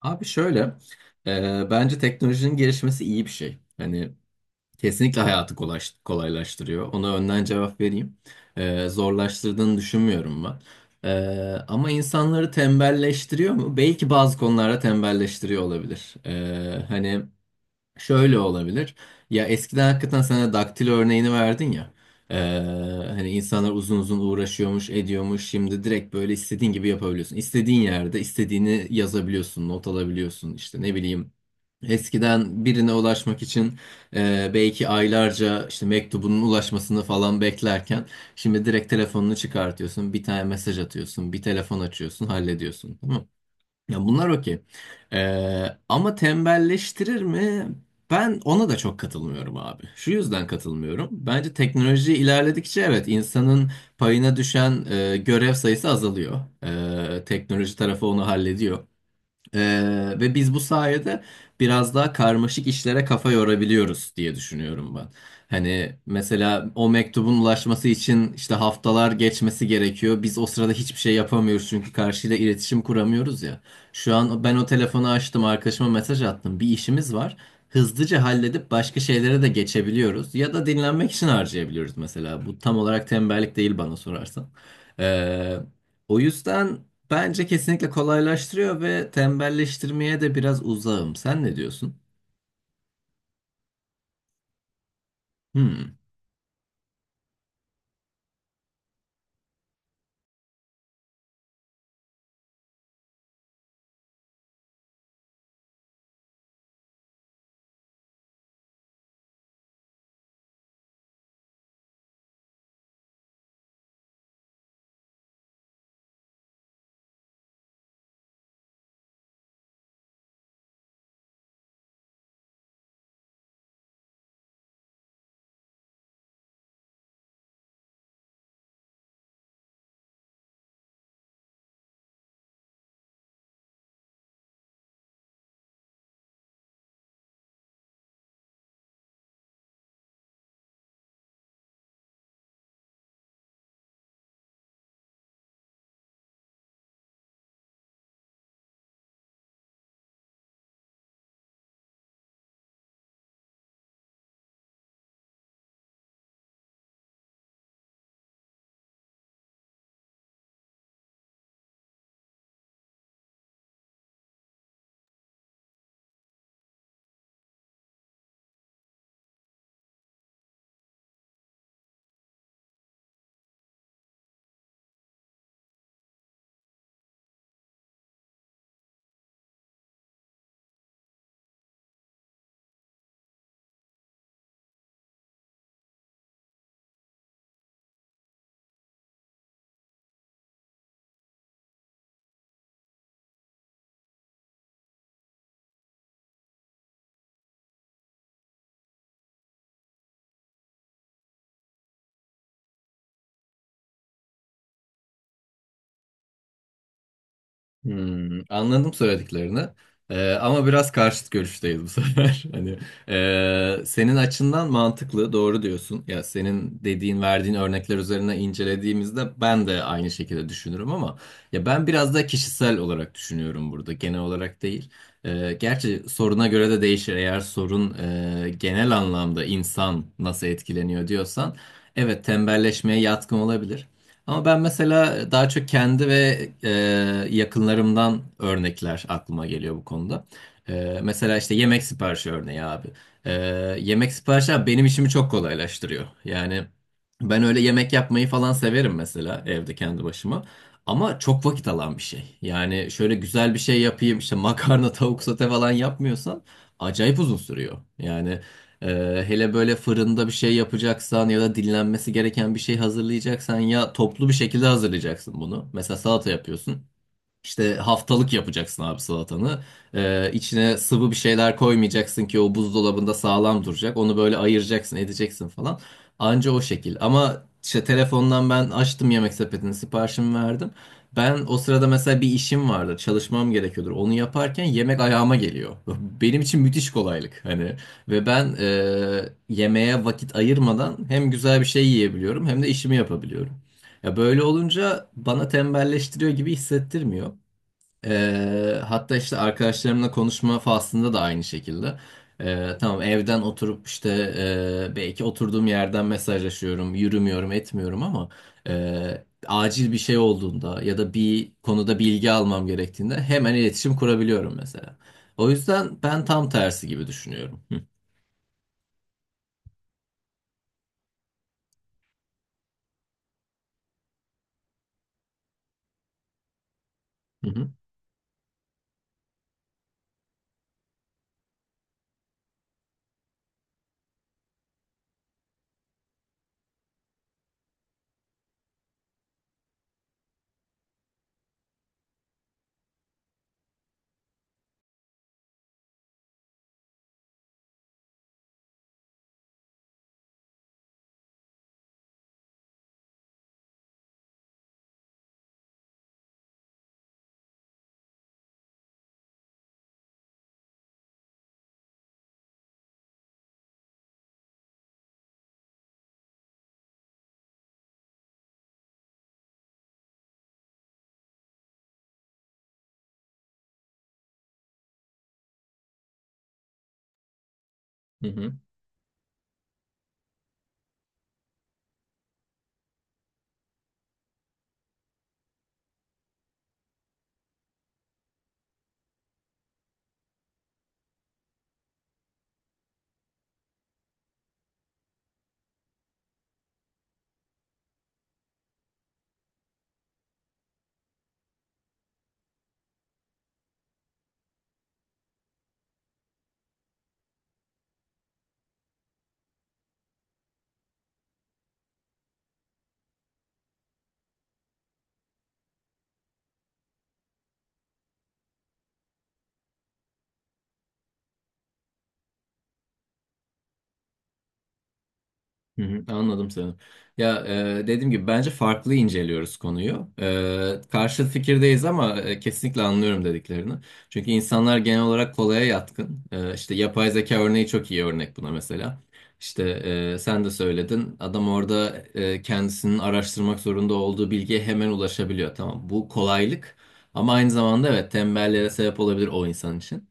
Abi şöyle, bence teknolojinin gelişmesi iyi bir şey. Hani kesinlikle hayatı kolaylaştırıyor. Ona önden cevap vereyim. Zorlaştırdığını düşünmüyorum ben. Ama insanları tembelleştiriyor mu? Belki bazı konularda tembelleştiriyor olabilir. Hani şöyle olabilir. Ya eskiden hakikaten sana daktilo örneğini verdin ya. Ee, Hani insanlar uzun uzun uğraşıyormuş, ediyormuş. Şimdi direkt böyle istediğin gibi yapabiliyorsun. İstediğin yerde istediğini yazabiliyorsun, not alabiliyorsun. İşte ne bileyim. Eskiden birine ulaşmak için belki aylarca işte mektubunun ulaşmasını falan beklerken şimdi direkt telefonunu çıkartıyorsun, bir tane mesaj atıyorsun, bir telefon açıyorsun, hallediyorsun. Ya bunlar okey. Ama tembelleştirir mi? Ben ona da çok katılmıyorum abi. Şu yüzden katılmıyorum. Bence teknoloji ilerledikçe evet insanın payına düşen görev sayısı azalıyor. Teknoloji tarafı onu hallediyor. Ve biz bu sayede biraz daha karmaşık işlere kafa yorabiliyoruz diye düşünüyorum ben. Hani mesela o mektubun ulaşması için işte haftalar geçmesi gerekiyor. Biz o sırada hiçbir şey yapamıyoruz çünkü karşıyla iletişim kuramıyoruz ya. Şu an ben o telefonu açtım, arkadaşıma mesaj attım. Bir işimiz var. Hızlıca halledip başka şeylere de geçebiliyoruz. Ya da dinlenmek için harcayabiliyoruz mesela. Bu tam olarak tembellik değil bana sorarsan. Ee, O yüzden. Bence kesinlikle kolaylaştırıyor ve tembelleştirmeye de biraz uzağım. Sen ne diyorsun? Hmm. Hmm, anladım söylediklerini. Ama biraz karşıt görüşteyiz bu sefer. Hani senin açından mantıklı, doğru diyorsun. Ya senin dediğin, verdiğin örnekler üzerine incelediğimizde ben de aynı şekilde düşünürüm ama ya ben biraz da kişisel olarak düşünüyorum burada, genel olarak değil. Gerçi soruna göre de değişir. Eğer sorun genel anlamda insan nasıl etkileniyor diyorsan, evet tembelleşmeye yatkın olabilir. Ama ben mesela daha çok kendi ve yakınlarımdan örnekler aklıma geliyor bu konuda. Mesela işte yemek siparişi örneği abi. E, Yemek siparişi abi benim işimi çok kolaylaştırıyor. Yani ben öyle yemek yapmayı falan severim mesela evde kendi başıma. Ama çok vakit alan bir şey. Yani şöyle güzel bir şey yapayım işte makarna, tavuk sote falan yapmıyorsan acayip uzun sürüyor. Yani hele böyle fırında bir şey yapacaksan ya da dinlenmesi gereken bir şey hazırlayacaksan ya toplu bir şekilde hazırlayacaksın bunu. Mesela salata yapıyorsun. İşte haftalık yapacaksın abi salatanı. İçine sıvı bir şeyler koymayacaksın ki o buzdolabında sağlam duracak. Onu böyle ayıracaksın, edeceksin falan. Anca o şekil. Ama işte telefondan ben açtım yemek sepetini, siparişimi verdim. Ben o sırada mesela bir işim vardı, çalışmam gerekiyordur. Onu yaparken yemek ayağıma geliyor. Benim için müthiş kolaylık hani. Ve ben yemeğe vakit ayırmadan hem güzel bir şey yiyebiliyorum hem de işimi yapabiliyorum. Ya böyle olunca bana tembelleştiriyor gibi hissettirmiyor. Hatta işte arkadaşlarımla konuşma faslında da aynı şekilde. Tamam evden oturup işte belki oturduğum yerden mesajlaşıyorum, yürümüyorum, etmiyorum ama acil bir şey olduğunda ya da bir konuda bilgi almam gerektiğinde hemen iletişim kurabiliyorum mesela. O yüzden ben tam tersi gibi düşünüyorum. Hı hı hı hı. Hı hı, anladım seni. Ya dediğim gibi bence farklı inceliyoruz konuyu. Karşı fikirdeyiz ama kesinlikle anlıyorum dediklerini. Çünkü insanlar genel olarak kolaya yatkın. İşte yapay zeka örneği çok iyi örnek buna mesela. İşte sen de söyledin. Adam orada kendisinin araştırmak zorunda olduğu bilgiye hemen ulaşabiliyor. Tamam, bu kolaylık. Ama aynı zamanda evet tembelliğe sebep olabilir o insan için.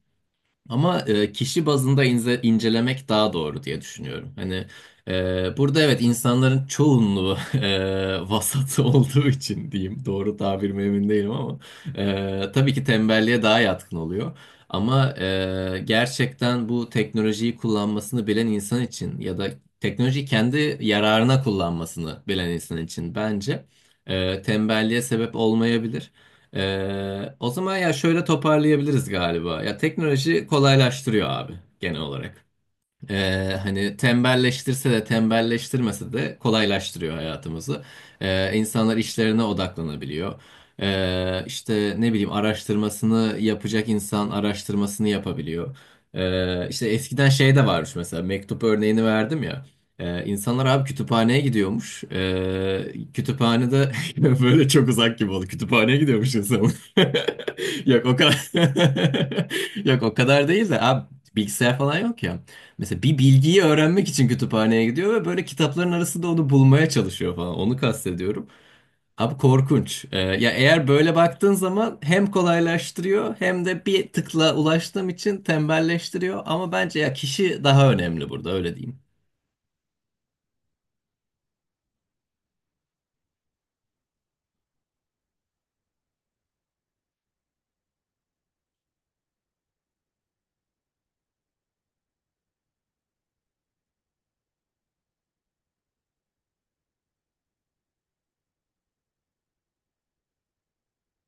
Ama kişi bazında incelemek daha doğru diye düşünüyorum. Hani burada evet insanların çoğunluğu vasat olduğu için diyeyim. Doğru tabir mi emin değilim ama tabii ki tembelliğe daha yatkın oluyor. Ama gerçekten bu teknolojiyi kullanmasını bilen insan için ya da teknolojiyi kendi yararına kullanmasını bilen insan için bence tembelliğe sebep olmayabilir. O zaman ya şöyle toparlayabiliriz galiba. Ya teknoloji kolaylaştırıyor abi genel olarak. Hani tembelleştirse de tembelleştirmese de kolaylaştırıyor hayatımızı. İnsanlar işlerine odaklanabiliyor. İşte ne bileyim araştırmasını yapacak insan araştırmasını yapabiliyor. İşte eskiden şey de varmış mesela mektup örneğini verdim ya. İnsanlar abi kütüphaneye gidiyormuş. Kütüphanede böyle çok uzak gibi oldu. Kütüphaneye gidiyormuş insan. Yok o kadar. Yok o kadar değil de abi bilgisayar falan yok ya. Mesela bir bilgiyi öğrenmek için kütüphaneye gidiyor ve böyle kitapların arasında onu bulmaya çalışıyor falan. Onu kastediyorum. Abi korkunç. Ya eğer böyle baktığın zaman hem kolaylaştırıyor hem de bir tıkla ulaştığım için tembelleştiriyor. Ama bence ya kişi daha önemli burada öyle diyeyim.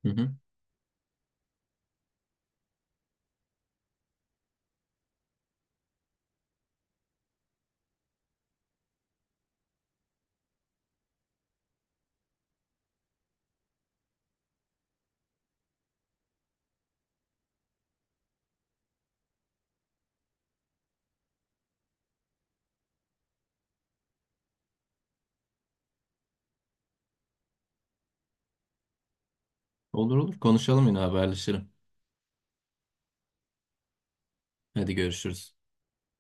Hı hı. Olur olur konuşalım yine haberleşelim. Hadi görüşürüz.